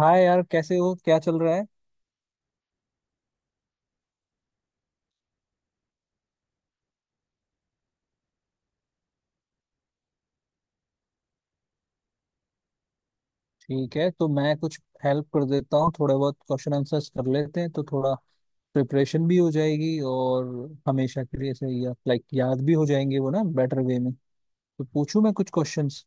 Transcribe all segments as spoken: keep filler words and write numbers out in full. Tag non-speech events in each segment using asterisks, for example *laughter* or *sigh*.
हाय यार, कैसे हो? क्या चल रहा है? ठीक है तो मैं कुछ हेल्प कर देता हूँ। थोड़े बहुत क्वेश्चन आंसर्स कर लेते हैं तो थोड़ा प्रिपरेशन भी हो जाएगी, और हमेशा के लिए सही या लाइक याद भी हो जाएंगे वो ना बेटर वे में। तो पूछूं मैं कुछ क्वेश्चंस?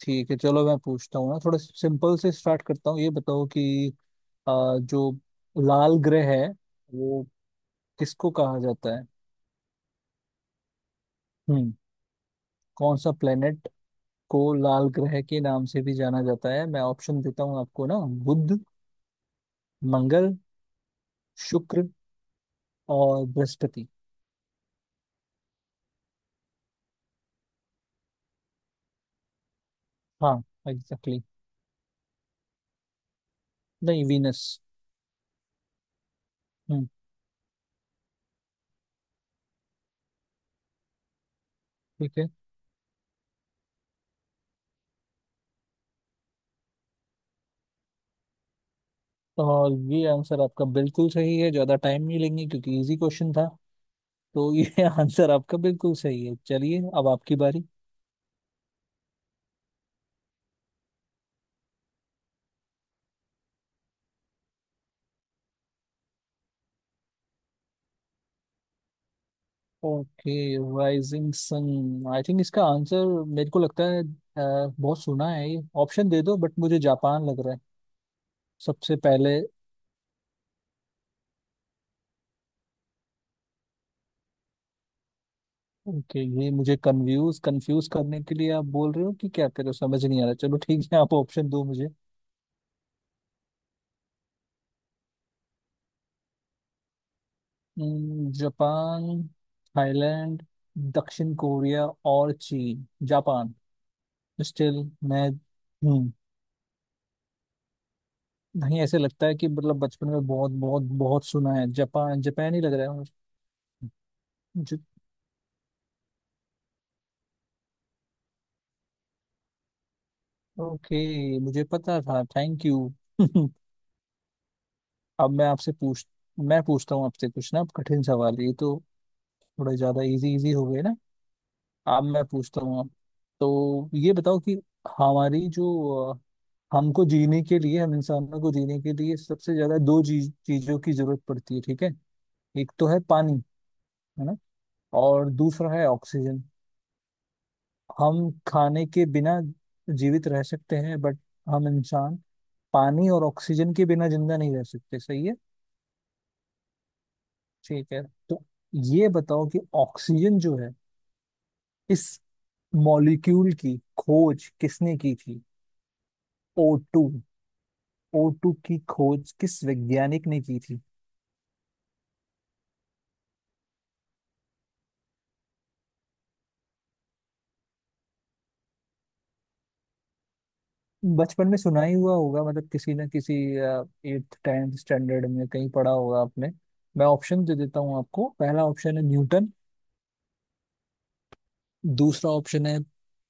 ठीक है, चलो मैं पूछता हूँ ना। थोड़ा सिंपल से स्टार्ट करता हूँ। ये बताओ कि आ, जो लाल ग्रह है वो किसको कहा जाता है? हम्म। कौन सा प्लेनेट को लाल ग्रह के नाम से भी जाना जाता है? मैं ऑप्शन देता हूँ आपको ना। बुध, मंगल, शुक्र और बृहस्पति। हाँ, एग्जैक्टली exactly। नहीं, वीनस। हम्म। ठीक है, और ये आंसर आपका बिल्कुल सही है। ज्यादा टाइम नहीं लेंगे क्योंकि इजी क्वेश्चन था। तो ये *laughs* आंसर आपका बिल्कुल सही है। चलिए, अब आपकी बारी। Okay. Rising sun, I think इसका आंसर मेरे को लगता है अ, बहुत सुना है। ये ऑप्शन दे दो बट मुझे जापान लग रहा है। सबसे पहले ओके, ये मुझे कंफ्यूज कंफ्यूज करने के लिए आप बोल रहे हो कि क्या कर रहे हो? समझ नहीं आ रहा। चलो ठीक है, आप ऑप्शन दो मुझे। हम्म, जापान, थाईलैंड, दक्षिण कोरिया और चीन। जापान, स्टिल मैं हम्म। नहीं, ऐसे लगता है कि मतलब बचपन में बहुत बहुत बहुत सुना है, जापान जापान ही लग रहा है। मुझे ज- ओके, मुझे पता था, थैंक यू। *laughs* अब मैं आपसे पूछ, मैं पूछता हूँ आपसे कुछ ना कठिन सवाल। ये तो थोड़े ज्यादा इजी इजी हो गए ना। अब मैं पूछता हूँ आप। तो ये बताओ कि हमारी जो अ, हमको जीने के लिए, हम इंसानों को जीने के लिए सबसे ज्यादा दो चीज चीजों की जरूरत पड़ती है, ठीक है? एक तो है पानी, है ना? और दूसरा है ऑक्सीजन। हम खाने के बिना जीवित रह सकते हैं बट हम इंसान पानी और ऑक्सीजन के बिना जिंदा नहीं रह सकते, सही है? ठीक है। तो ये बताओ कि ऑक्सीजन जो है, इस मॉलिक्यूल की खोज किसने की थी? O two. ओ टू की खोज किस वैज्ञानिक ने की थी? बचपन में सुना ही हुआ होगा, मतलब किसी न किसी एट्थ टेंथ स्टैंडर्ड में कहीं पढ़ा होगा आपने। मैं ऑप्शन दे देता हूँ आपको। पहला ऑप्शन है न्यूटन। दूसरा ऑप्शन है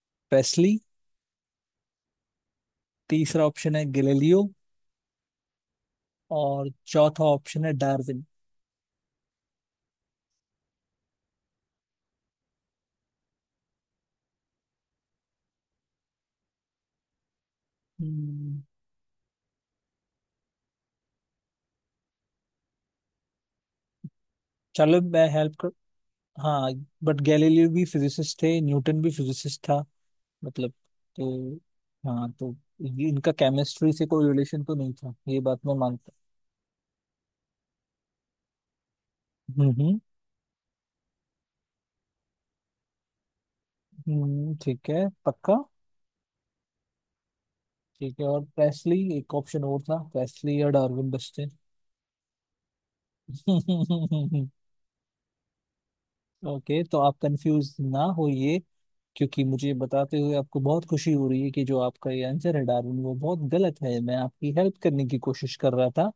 प्रेस्ली। तीसरा ऑप्शन है गैलीलियो, और चौथा ऑप्शन है डार्विन। हम्म, चलो मैं हेल्प कर, हाँ बट गैलीलियो भी फिजिसिस्ट थे, न्यूटन भी फिजिसिस्ट था। मतलब, तो हाँ तो ये- इनका केमिस्ट्री से कोई रिलेशन तो नहीं था, ये बात मैं मानता हूँ। हम्म, हम्म। हम्म, ठीक है, पक्का। ठीक है, और प्रेस्ली एक ऑप्शन और था, प्रेस्ली और डार्विन बचते। *laughs* ओके, तो आप कंफ्यूज ना होइए, क्योंकि मुझे बताते हुए आपको बहुत खुशी हो रही है कि जो आपका ये आंसर है डार्विन, वो बहुत गलत है। मैं आपकी हेल्प करने की कोशिश कर रहा था।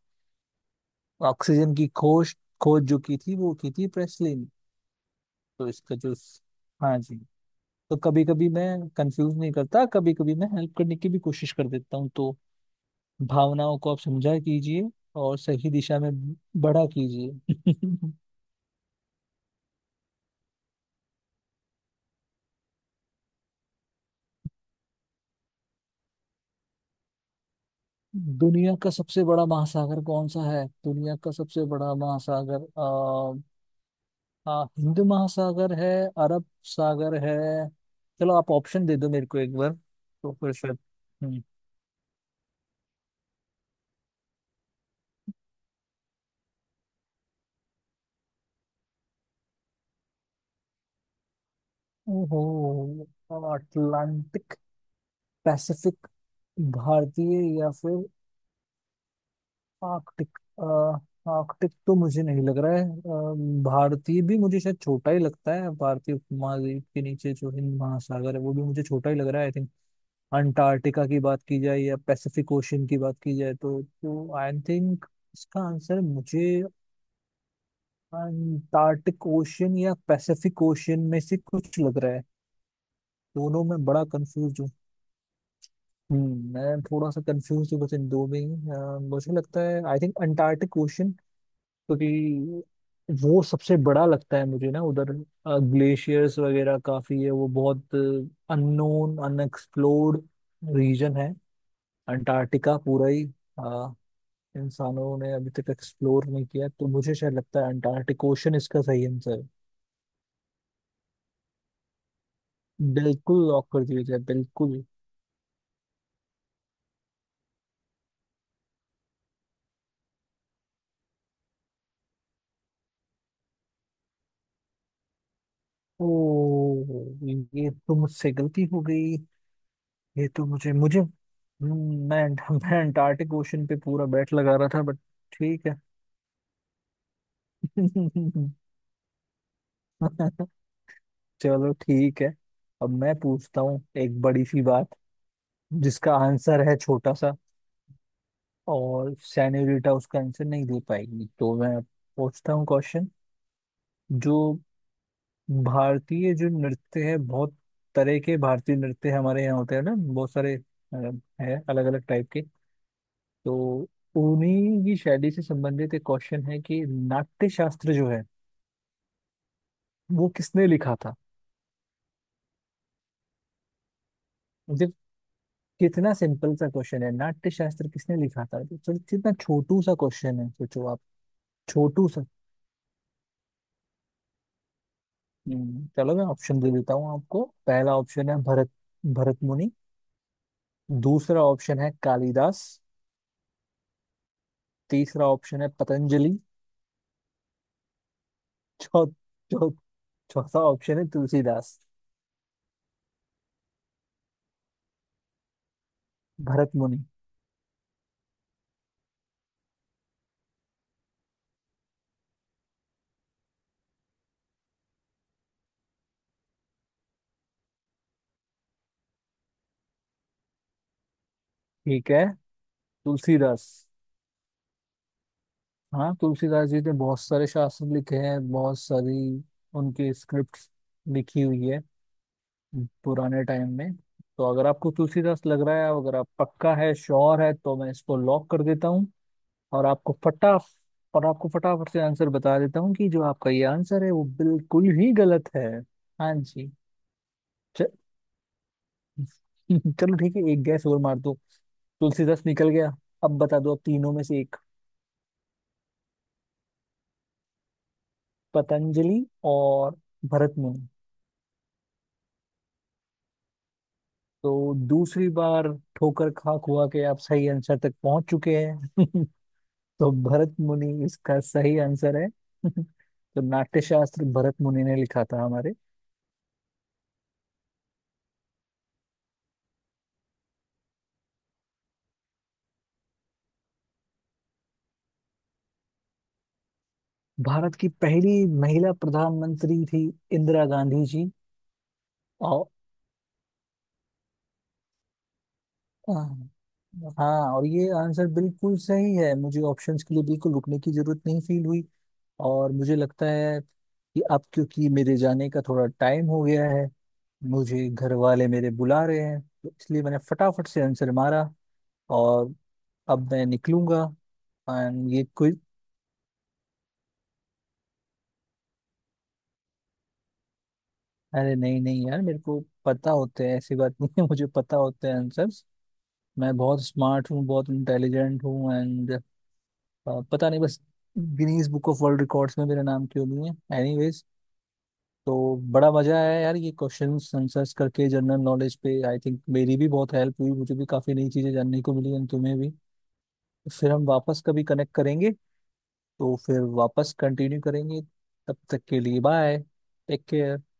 ऑक्सीजन की खोज खोज जो की थी वो की थी प्रेस्ली ने। तो इसका जो, हाँ जी, तो कभी कभी मैं कंफ्यूज नहीं करता, कभी कभी मैं हेल्प करने की भी कोशिश कर देता हूँ। तो भावनाओं को आप समझा कीजिए, और सही दिशा में बड़ा कीजिए। *laughs* दुनिया का सबसे बड़ा महासागर कौन सा है? दुनिया का सबसे बड़ा महासागर आ, आ, हिंद महासागर है, अरब सागर है। चलो आप ऑप्शन दे दो मेरे को एक बार, तो फिर शायद। हम्म, ओहो। अटलांटिक, पैसिफिक, भारतीय या फिर आर्कटिक। अ, आर्कटिक तो मुझे नहीं लग रहा है। अ, भारतीय भी मुझे शायद छोटा ही लगता है। भारतीय उपमहाद्वीप के नीचे जो हिंद महासागर है वो भी मुझे छोटा ही लग रहा है। आई थिंक अंटार्कटिका की बात की जाए या पैसिफिक ओशन की बात की जाए, तो तो आई थिंक इसका आंसर मुझे अंटार्कटिक ओशन या पैसिफिक ओशन में से कुछ लग रहा है। दोनों में बड़ा कंफ्यूज हूँ। हम्म, मैं थोड़ा सा कंफ्यूज हूँ बस इन दो में ही। अ, मुझे लगता है आई थिंक अंटार्कटिक ओशन, क्योंकि वो सबसे बड़ा लगता है मुझे ना। उधर ग्लेशियर्स वगैरह काफी है। वो बहुत अननोन, अनएक्सप्लोर्ड रीजन है। अंटार्कटिका पूरा ही अ, इंसानों ने अभी तक एक्सप्लोर नहीं किया, तो मुझे शायद लगता है अंटार्कटिक ओशन इसका सही आंसर है। बिल्कुल लॉक कर दिया जाए, बिल्कुल। ओ, ये तो मुझसे गलती हो गई। ये तो मुझे मुझे हम्म, मैं मैं अंटार्कटिक ओशन पे पूरा बैट लगा रहा था बट, ठीक है। *laughs* *laughs* चलो ठीक है। अब मैं पूछता हूँ एक बड़ी सी बात, जिसका आंसर है छोटा सा, और सेनोरिटा उसका आंसर नहीं दे पाएगी। तो मैं पूछता हूँ क्वेश्चन। जो भारतीय, जो नृत्य है, बहुत तरह के भारतीय नृत्य हमारे यहाँ होते हैं ना बहुत सारे, अ, है अलग अलग टाइप के। तो उन्हीं की शैली से संबंधित एक क्वेश्चन है कि नाट्य शास्त्र जो है, वो किसने लिखा था? कितना सिंपल सा क्वेश्चन है, नाट्य शास्त्र किसने लिखा था? तो चलो, कितना छोटू सा क्वेश्चन है, सोचो आप। छोटू सा। हम्म, चलो मैं ऑप्शन दे देता हूँ आपको। पहला ऑप्शन है भरत, भरत मुनि। दूसरा ऑप्शन है कालिदास। तीसरा ऑप्शन है पतंजलि। चौ चौ चौथा ऑप्शन है तुलसीदास। भरत मुनि। ठीक है, तुलसीदास। हाँ, तुलसीदास जी ने बहुत सारे शास्त्र लिखे हैं, बहुत सारी उनकी स्क्रिप्ट लिखी हुई है पुराने टाइम में। तो अगर आपको तुलसीदास लग रहा है, अगर आप पक्का है, श्योर है, तो मैं इसको लॉक कर देता हूँ। और आपको फटा और आपको फटाफट से आंसर बता देता हूँ कि जो आपका ये आंसर है वो बिल्कुल ही गलत है। हाँ जी। च- *laughs* चलो ठीक है, एक गैस और मार दो। तुलसीदास निकल गया, अब बता दो, अब तीनों में से एक। पतंजलि और भरत मुनि। तो दूसरी बार ठोकर खा खुआ के आप सही आंसर तक पहुंच चुके हैं। *laughs* तो भरत मुनि इसका सही आंसर है। *laughs* तो नाट्यशास्त्र भरत मुनि ने लिखा था हमारे। भारत की पहली महिला प्रधानमंत्री थी इंदिरा गांधी जी। और हाँ, और ये आंसर बिल्कुल सही है। मुझे ऑप्शंस के लिए बिल्कुल रुकने की जरूरत नहीं फील हुई। और मुझे लगता है कि अब क्योंकि मेरे जाने का थोड़ा टाइम हो गया है, मुझे घर वाले मेरे बुला रहे हैं, तो इसलिए मैंने फटाफट से आंसर मारा। और अब मैं निकलूंगा। एंड ये, अरे नहीं नहीं यार, मेरे को पता होते हैं, ऐसी बात नहीं है। *laughs* मुझे पता होते हैं आंसर्स। मैं बहुत स्मार्ट हूँ, बहुत इंटेलिजेंट हूँ। एंड पता नहीं बस Guinness book of world records में मेरा नाम क्यों नहीं है। एनीवेज, तो बड़ा मजा आया यार, ये क्वेश्चंस आंसर्स करके जनरल नॉलेज पे। आई थिंक मेरी भी बहुत हेल्प हुई, मुझे भी काफी नई चीजें जानने को मिली, एंड तुम्हें भी। फिर हम वापस कभी कनेक्ट करेंगे, तो फिर वापस कंटिन्यू करेंगे। तब तक के लिए बाय। Take care.